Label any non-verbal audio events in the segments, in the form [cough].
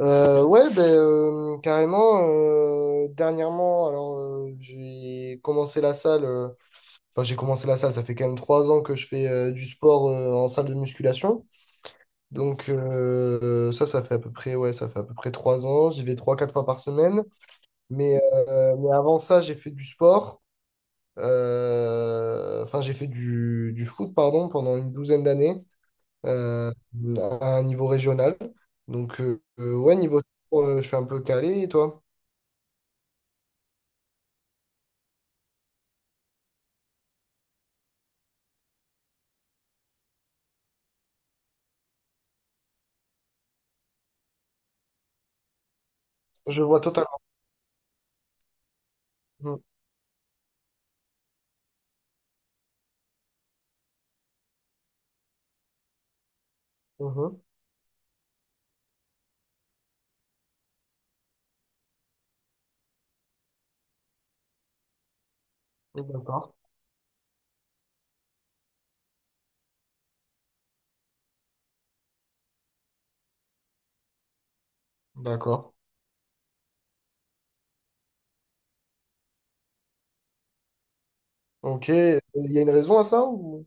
Ouais, ben, carrément. Dernièrement, alors j'ai commencé la salle. Enfin, j'ai commencé la salle. Ça fait quand même 3 ans que je fais du sport en salle de musculation. Donc ça fait à peu près ouais, ça fait à peu près 3 ans. J'y vais trois, quatre fois par semaine. Mais mais avant ça, j'ai fait du sport. Enfin, j'ai fait du foot, pardon, pendant une douzaine d'années euh, à un niveau régional. Donc ouais, niveau sport, je suis un peu calé. Et toi? Je vois totalement. Mhm, mhm. D'accord. D'accord. Ok. Il y a une raison à ça ou...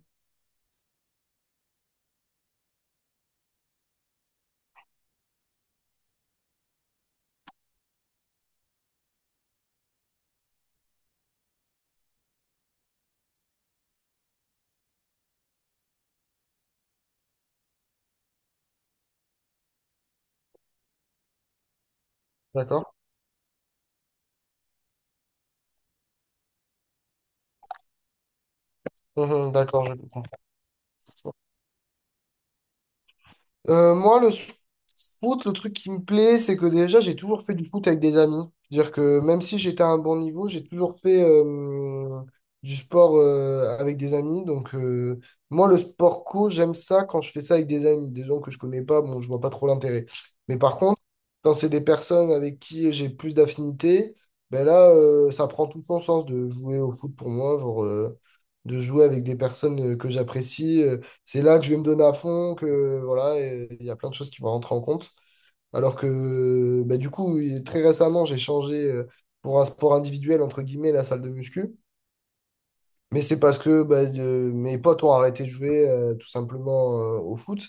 D'accord. Mhm, d'accord, je comprends. Moi, le foot, le truc qui me plaît, c'est que déjà, j'ai toujours fait du foot avec des amis. C'est-à-dire que même si j'étais à un bon niveau, j'ai toujours fait du sport avec des amis. Donc, moi, le sport co, j'aime ça quand je fais ça avec des amis. Des gens que je connais pas, bon, je vois pas trop l'intérêt. Mais par contre, quand c'est des personnes avec qui j'ai plus d'affinité, ben là, ça prend tout son sens de jouer au foot pour moi, genre, de jouer avec des personnes que j'apprécie. C'est là que je vais me donner à fond, que voilà, et il y a plein de choses qui vont rentrer en compte. Alors que bah, du coup, et très récemment, j'ai changé pour un sport individuel, entre guillemets, la salle de muscu. Mais c'est parce que bah, mes potes ont arrêté de jouer tout simplement au foot.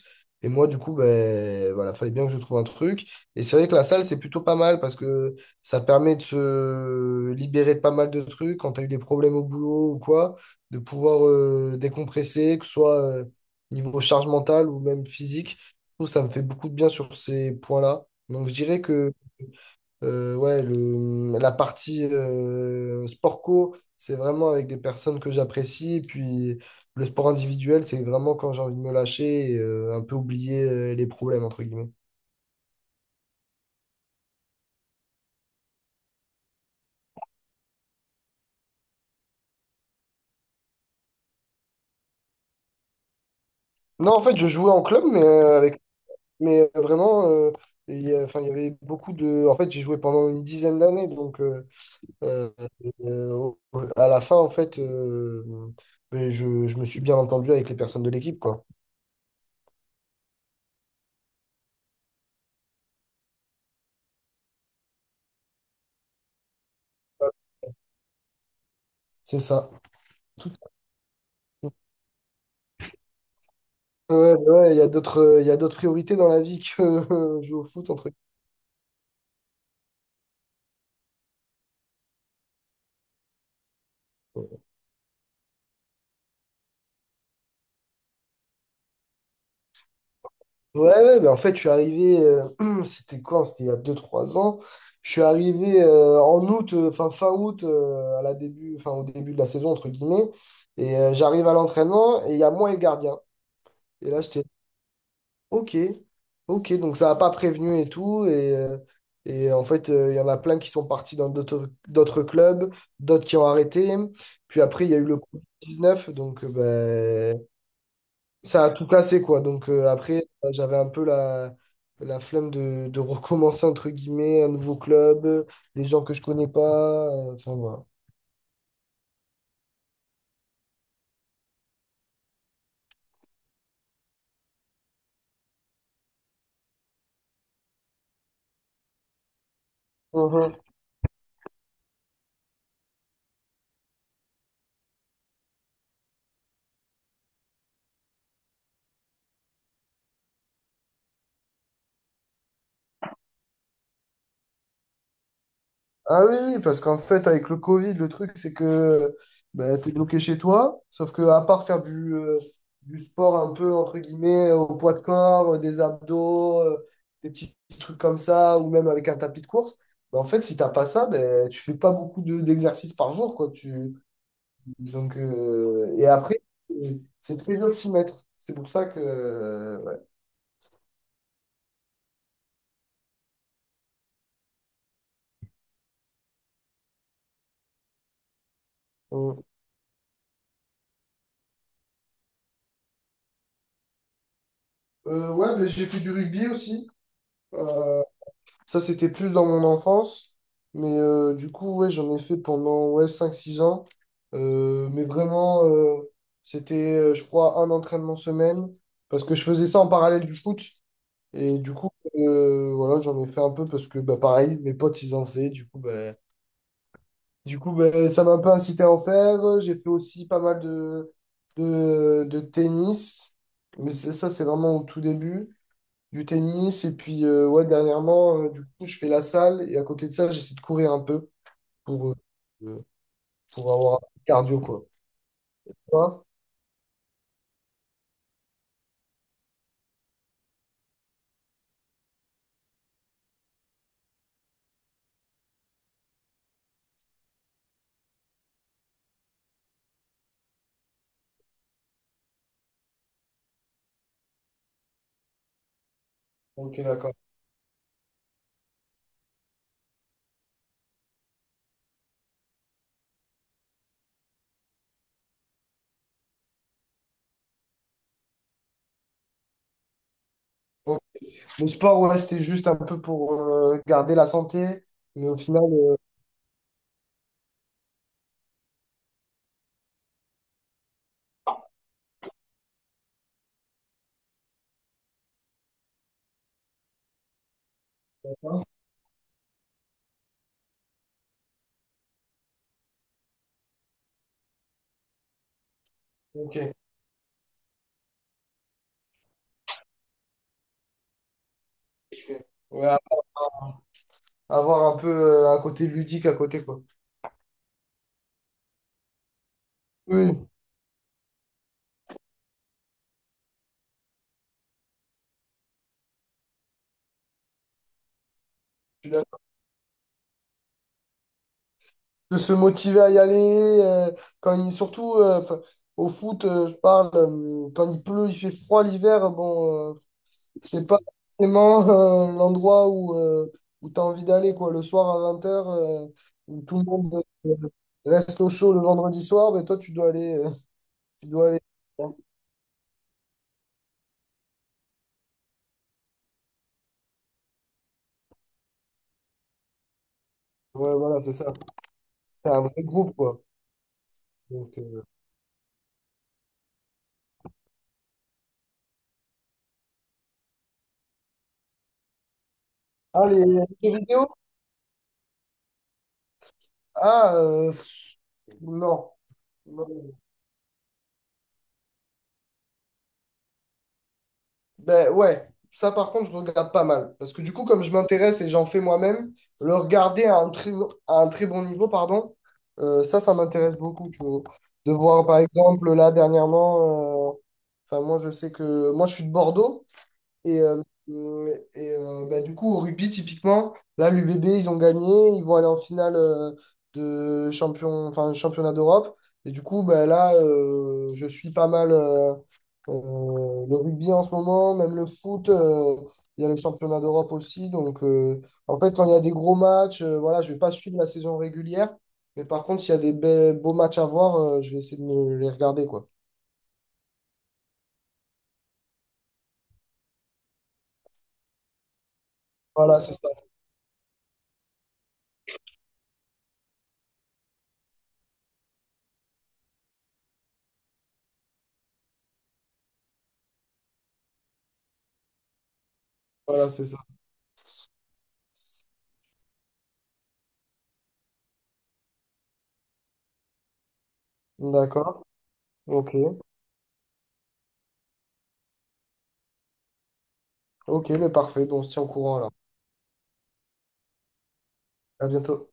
Et moi, du coup, ben voilà, fallait bien que je trouve un truc. Et c'est vrai que la salle, c'est plutôt pas mal parce que ça permet de se libérer de pas mal de trucs. Quand tu as eu des problèmes au boulot ou quoi, de pouvoir décompresser, que ce soit niveau charge mentale ou même physique. Je trouve que ça me fait beaucoup de bien sur ces points-là. Donc, je dirais que ouais, la partie sport co, c'est vraiment avec des personnes que j'apprécie. Et puis le sport individuel, c'est vraiment quand j'ai envie de me lâcher et un peu oublier les problèmes, entre guillemets. Non, en fait, je jouais en club, mais, avec, mais vraiment, il y a- enfin, il y avait beaucoup de... En fait, j'ai joué pendant une dizaine d'années. Donc, euh, euh, au- à la fin, en fait, ben, je me suis bien entendu avec les personnes de l'équipe, quoi. C'est ça. Ouais, bah ouais, il y a d'autres priorités dans la vie que jouer au foot, entre guillemets. Ouais, ouais, mais en fait, je suis arrivé, [clears throat] c'était quoi? C'était il y a deux trois ans. Je suis arrivé en août, fin août, enfin, au début de la saison, entre guillemets. Et j'arrive à l'entraînement et il y a moi et le gardien. Et là, j'étais OK, OK, donc ça n'a pas prévenu et tout. Et en fait, il y en a plein qui sont partis dans d'autres clubs, d'autres qui ont arrêté. Puis après, il y a eu le Covid-19, donc ben, ça a tout cassé, quoi. Donc après, j'avais un peu la flemme de [laughs] recommencer, entre guillemets, un nouveau club, des gens que je connais pas. Enfin, voilà. Mhm. Ah oui, oui, parce qu'en fait, avec le Covid, le truc, c'est que bah, t'es bloqué chez toi, sauf que à part faire du sport un peu, entre guillemets, au poids de corps, des abdos, des petits trucs comme ça, ou même avec un tapis de course, bah, en fait, si t'as pas ça, ben tu fais pas beaucoup d'exercices par jour, quoi. Tu, donc, et après, euh, c'est très dur de s'y mettre. C'est pour ça que. Ouais, On- ouais, mais j'ai fait du rugby aussi. Euh, Ça, c'était plus dans mon enfance. Mais du coup, ouais, j'en ai fait pendant ouais, 5 6 ans. Euh, mais vraiment, euh, c'était, je crois, un entraînement semaine. Parce que je faisais ça en parallèle du foot. Et du coup, voilà, j'en ai fait un peu parce que, bah, pareil, mes potes, ils en faisaient. Du coup, ben, ça m'a un peu incité à en faire. J'ai fait aussi pas mal de tennis. Mais ça, c'est vraiment au tout début du tennis. Et puis, ouais, dernièrement, du coup, je fais la salle. Et à côté de ça, j'essaie de courir un peu pour, euh, euh, pour avoir un peu de cardio, quoi. Tu vois ok, d'accord. Bon, le sport, ouais, c'était juste un peu pour garder la santé. Mais au final, ok. Ouais, avoir un peu un côté ludique à côté, quoi. Oui. De se motiver à y aller. Surtout enfin, au foot, je parle, quand il pleut, il fait froid l'hiver, bon, c'est pas forcément l'endroit où tu as envie d'aller, quoi. Le soir à 20 h où tout le monde reste au chaud le vendredi soir, ben toi, tu dois aller. Tu dois aller. Ouais, voilà, c'est ça. C'est un vrai groupe, quoi. Donc, ah, les vidéos? Ah, pff, non. Ben ouais, ça par contre, je regarde pas mal. Parce que du coup, comme je m'intéresse et j'en fais moi-même, le regarder à un à un très bon niveau, pardon, ça, ça m'intéresse beaucoup, tu vois. De voir, par exemple, là, dernièrement, enfin, moi, je sais que moi, je suis de Bordeaux. Et, euh, Bah, du coup, au rugby, typiquement, là, l'UBB ils ont gagné. Ils vont aller en finale de champion, enfin, championnat d'Europe. Et du coup, bah, là, je suis pas mal le rugby en ce moment, même le foot. Il y a le championnat d'Europe aussi. Donc, en fait, quand il y a des gros matchs, voilà, je vais pas suivre la saison régulière. Mais par contre, s'il y a des beaux matchs à voir, je vais essayer de me les regarder, quoi. Voilà, c'est ça. Voilà, c'est ça. D'accord. Ok. Ok, mais parfait. Bon, on se tient au courant alors. À bientôt.